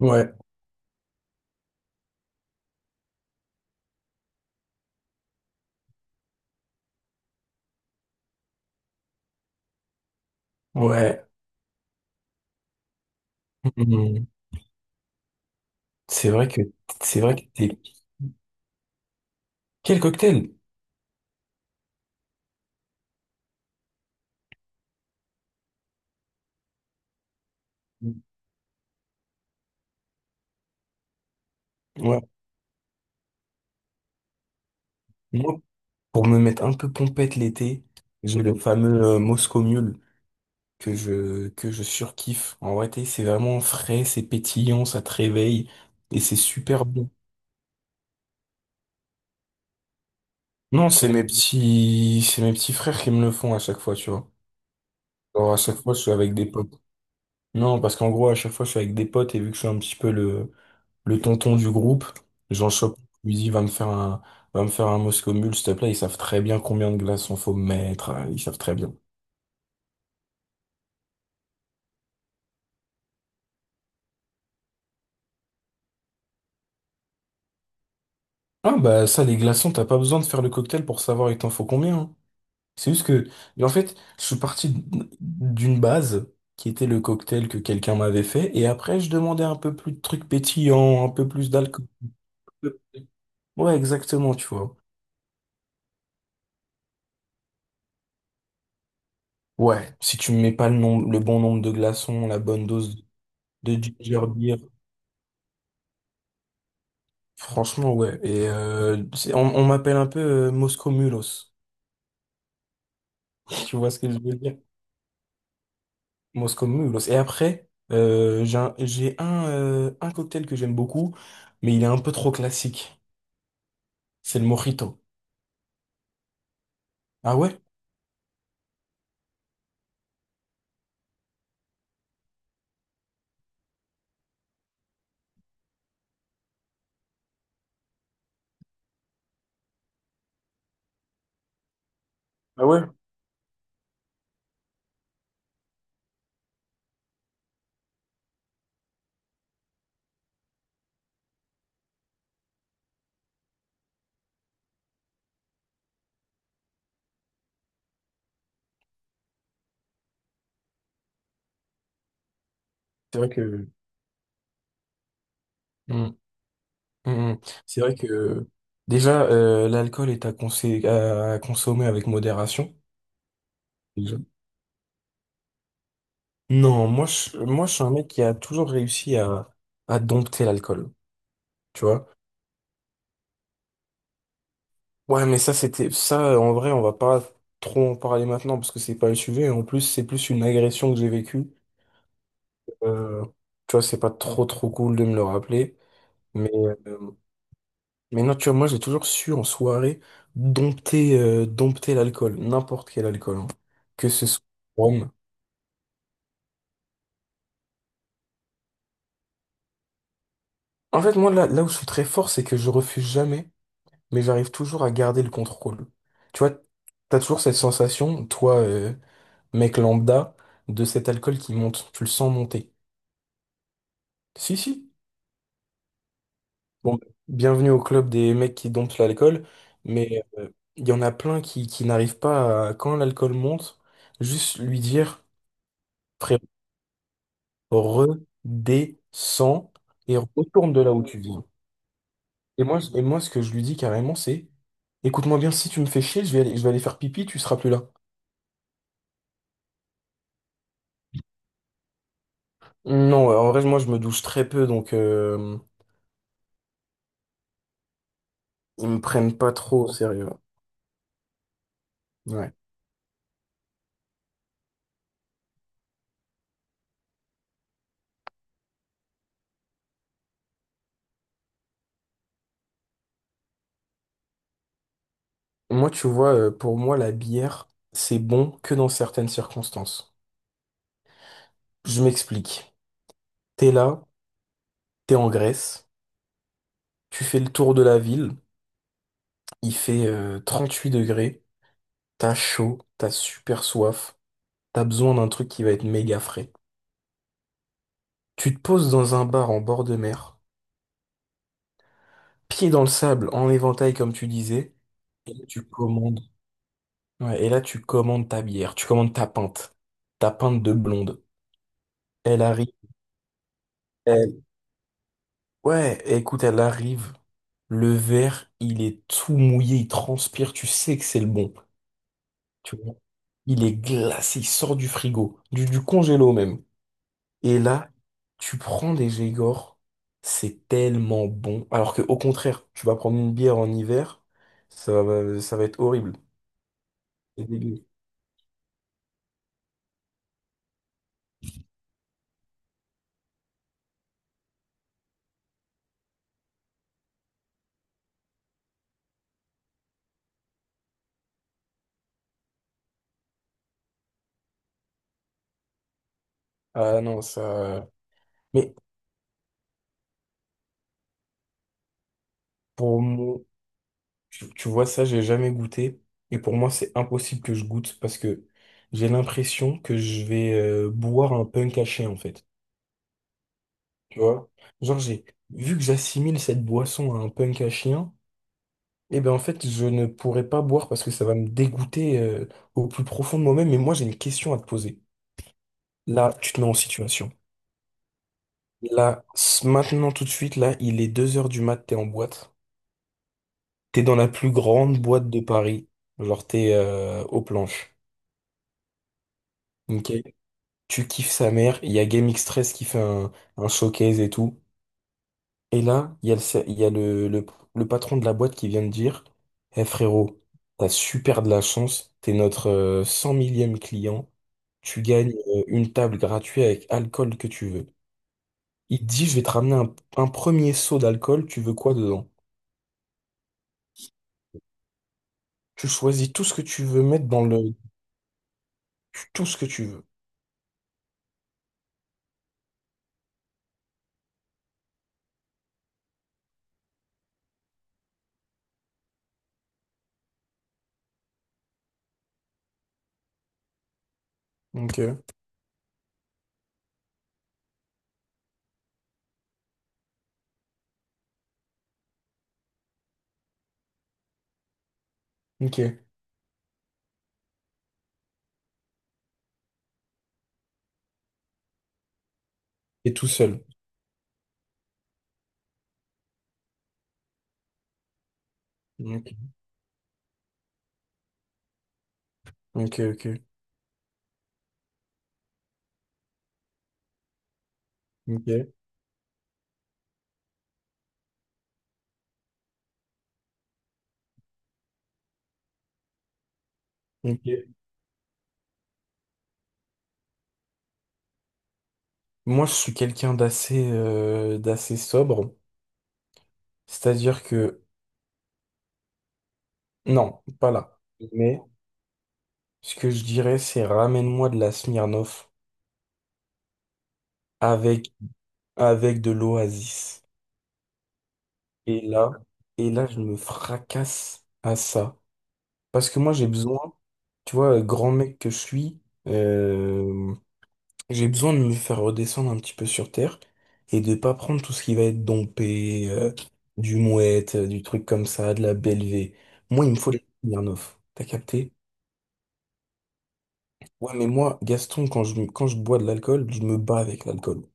Ouais, ouais. Mhm. C'est vrai que c'est vrai que t'es... Quel cocktail? Ouais. Moi, pour me mettre un peu pompette l'été, j'ai le fameux Moscow Mule que je surkiffe. En vrai, c'est vraiment frais, c'est pétillant, ça te réveille et c'est super bon. Non, c'est mes petits frères qui me le font à chaque fois, tu vois. Alors à chaque fois, je suis avec des potes. Non, parce qu'en gros, à chaque fois, je suis avec des potes et vu que je suis un petit peu le tonton du groupe, Jean Chop, lui dit, va me faire un Moscow Mule, s'il te plaît. Ils savent très bien combien de glaçons faut mettre, hein. Ils savent très bien. Ah, bah, ça, les glaçons, t'as pas besoin de faire le cocktail pour savoir il t'en faut combien, hein. C'est juste que, mais en fait, je suis parti d'une base qui était le cocktail que quelqu'un m'avait fait. Et après, je demandais un peu plus de trucs pétillants, un peu plus d'alcool. Ouais, exactement, tu vois. Ouais, si tu me mets pas le nom, le bon nombre de glaçons, la bonne dose de ginger beer. Franchement, ouais. Et on m'appelle un peu Moscow Mulos. Tu vois ce que je veux dire? Moscow Mulos. Et après, j'ai un cocktail que j'aime beaucoup, mais il est un peu trop classique. C'est le mojito. Ah ouais? Ah ouais? C'est vrai que... Mm, mm, mm. C'est vrai que... Déjà, l'alcool est à consommer avec modération. Déjà. Non, moi, je suis un mec qui a toujours réussi à dompter l'alcool. Tu vois? Ouais, mais ça, c'était ça. En vrai, on va pas trop en parler maintenant parce que c'est pas le sujet. En plus, c'est plus une agression que j'ai vécue. Euh, tu vois, c'est pas trop trop cool de me le rappeler. Mais euh, mais non, tu vois, moi, j'ai toujours su en soirée dompter l'alcool, n'importe quel alcool, hein. Que ce soit rhum. En fait, moi, là, là où je suis très fort, c'est que je refuse jamais, mais j'arrive toujours à garder le contrôle. Tu vois, t'as toujours cette sensation, toi, mec lambda, de cet alcool qui monte. Tu le sens monter. Si, si. Bon, bienvenue au club des mecs qui domptent l'alcool, mais il y en a plein qui n'arrivent pas à, quand l'alcool monte, juste lui dire, frère, redescends et retourne de là où tu viens. Et moi, ce que je lui dis carrément, c'est, écoute-moi bien, si tu me fais chier, je vais aller faire pipi, tu seras plus là. Non, en vrai, moi, je me douche très peu, donc ils me prennent pas trop au sérieux. Ouais. Moi, tu vois, pour moi, la bière, c'est bon que dans certaines circonstances. Je m'explique. T'es là, t'es en Grèce, tu fais le tour de la ville, il fait 38 degrés, t'as chaud, t'as super soif, t'as besoin d'un truc qui va être méga frais. Tu te poses dans un bar en bord de mer, pied dans le sable, en éventail comme tu disais, et là tu commandes. Ouais, et là tu commandes ta bière, tu commandes ta pinte de blonde. Elle arrive, elle... Ouais, écoute, elle arrive, le verre, il est tout mouillé, il transpire, tu sais que c'est le bon. Tu vois. Il est glacé, il sort du frigo, du congélo même. Et là, tu prends des Grégor, c'est tellement bon. Alors que au contraire, tu vas prendre une bière en hiver, ça va être horrible. C'est dégueu. Ah non, ça. Mais pour moi, tu vois, ça, j'ai jamais goûté. Et pour moi, c'est impossible que je goûte parce que j'ai l'impression que je vais boire un punk à chien, en fait. Tu vois? Genre, j'ai vu que j'assimile cette boisson à un punk à chien. Eh ben en fait, je ne pourrais pas boire parce que ça va me dégoûter au plus profond de moi-même. Mais moi, j'ai une question à te poser. Là, tu te mets en situation. Là, maintenant, tout de suite, là, il est 2 heures du mat, t'es en boîte. T'es dans la plus grande boîte de Paris. Genre, t'es aux planches. Ok. Tu kiffes sa mère. Il y a Game X13 qui fait un showcase et tout. Et là, il y a le patron de la boîte qui vient de dire, eh frérot, t'as super de la chance, t'es notre 100 millième client, tu gagnes une table gratuite avec alcool que tu veux. Il te dit, je vais te ramener un premier seau d'alcool, tu veux quoi dedans? Tu choisis tout ce que tu veux mettre dans le... Tout ce que tu veux. Ok, ok. Et tout seul. Ok, ok, ok, ok. Ok. Moi, je suis quelqu'un d'assez sobre, c'est-à-dire que. Non, pas là. Mais ce que je dirais, c'est ramène-moi de la Smirnoff avec, avec de l'Oasis. Et là, et là, je me fracasse à ça. Parce que moi, j'ai besoin, tu vois, grand mec que je suis, euh, j'ai besoin de me faire redescendre un petit peu sur terre et de pas prendre tout ce qui va être dompé, du mouette, du truc comme ça, de la Bellevée. Moi, il me faut de la Smirnoff. T'as capté? Ouais, mais moi, Gaston, quand je bois de l'alcool, je me bats avec l'alcool.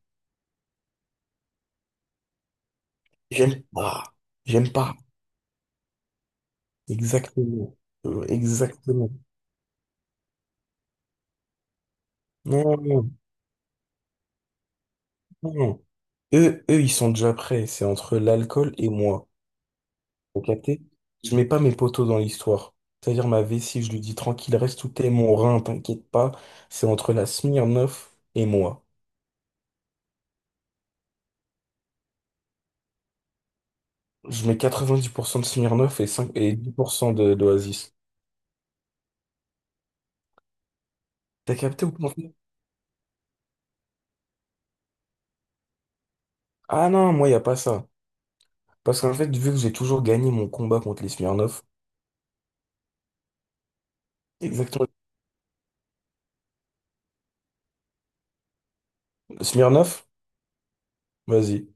J'aime pas. J'aime pas. Exactement. Exactement. Non, non, non. Eux, ils sont déjà prêts. C'est entre l'alcool et moi. Vous captez? Je mets pas mes poteaux dans l'histoire. C'est-à-dire ma vessie, je lui dis tranquille, reste tout est mon rein, t'inquiète pas. C'est entre la Smirnoff et moi. Je mets 90% de Smirnoff et 5 et 10% de d'Oasis. T'as capté ou pas? Ah non, moi, y a pas ça. Parce qu'en fait, vu que j'ai toujours gagné mon combat contre les Smirnoff, exactement. Smirnoff, vas-y.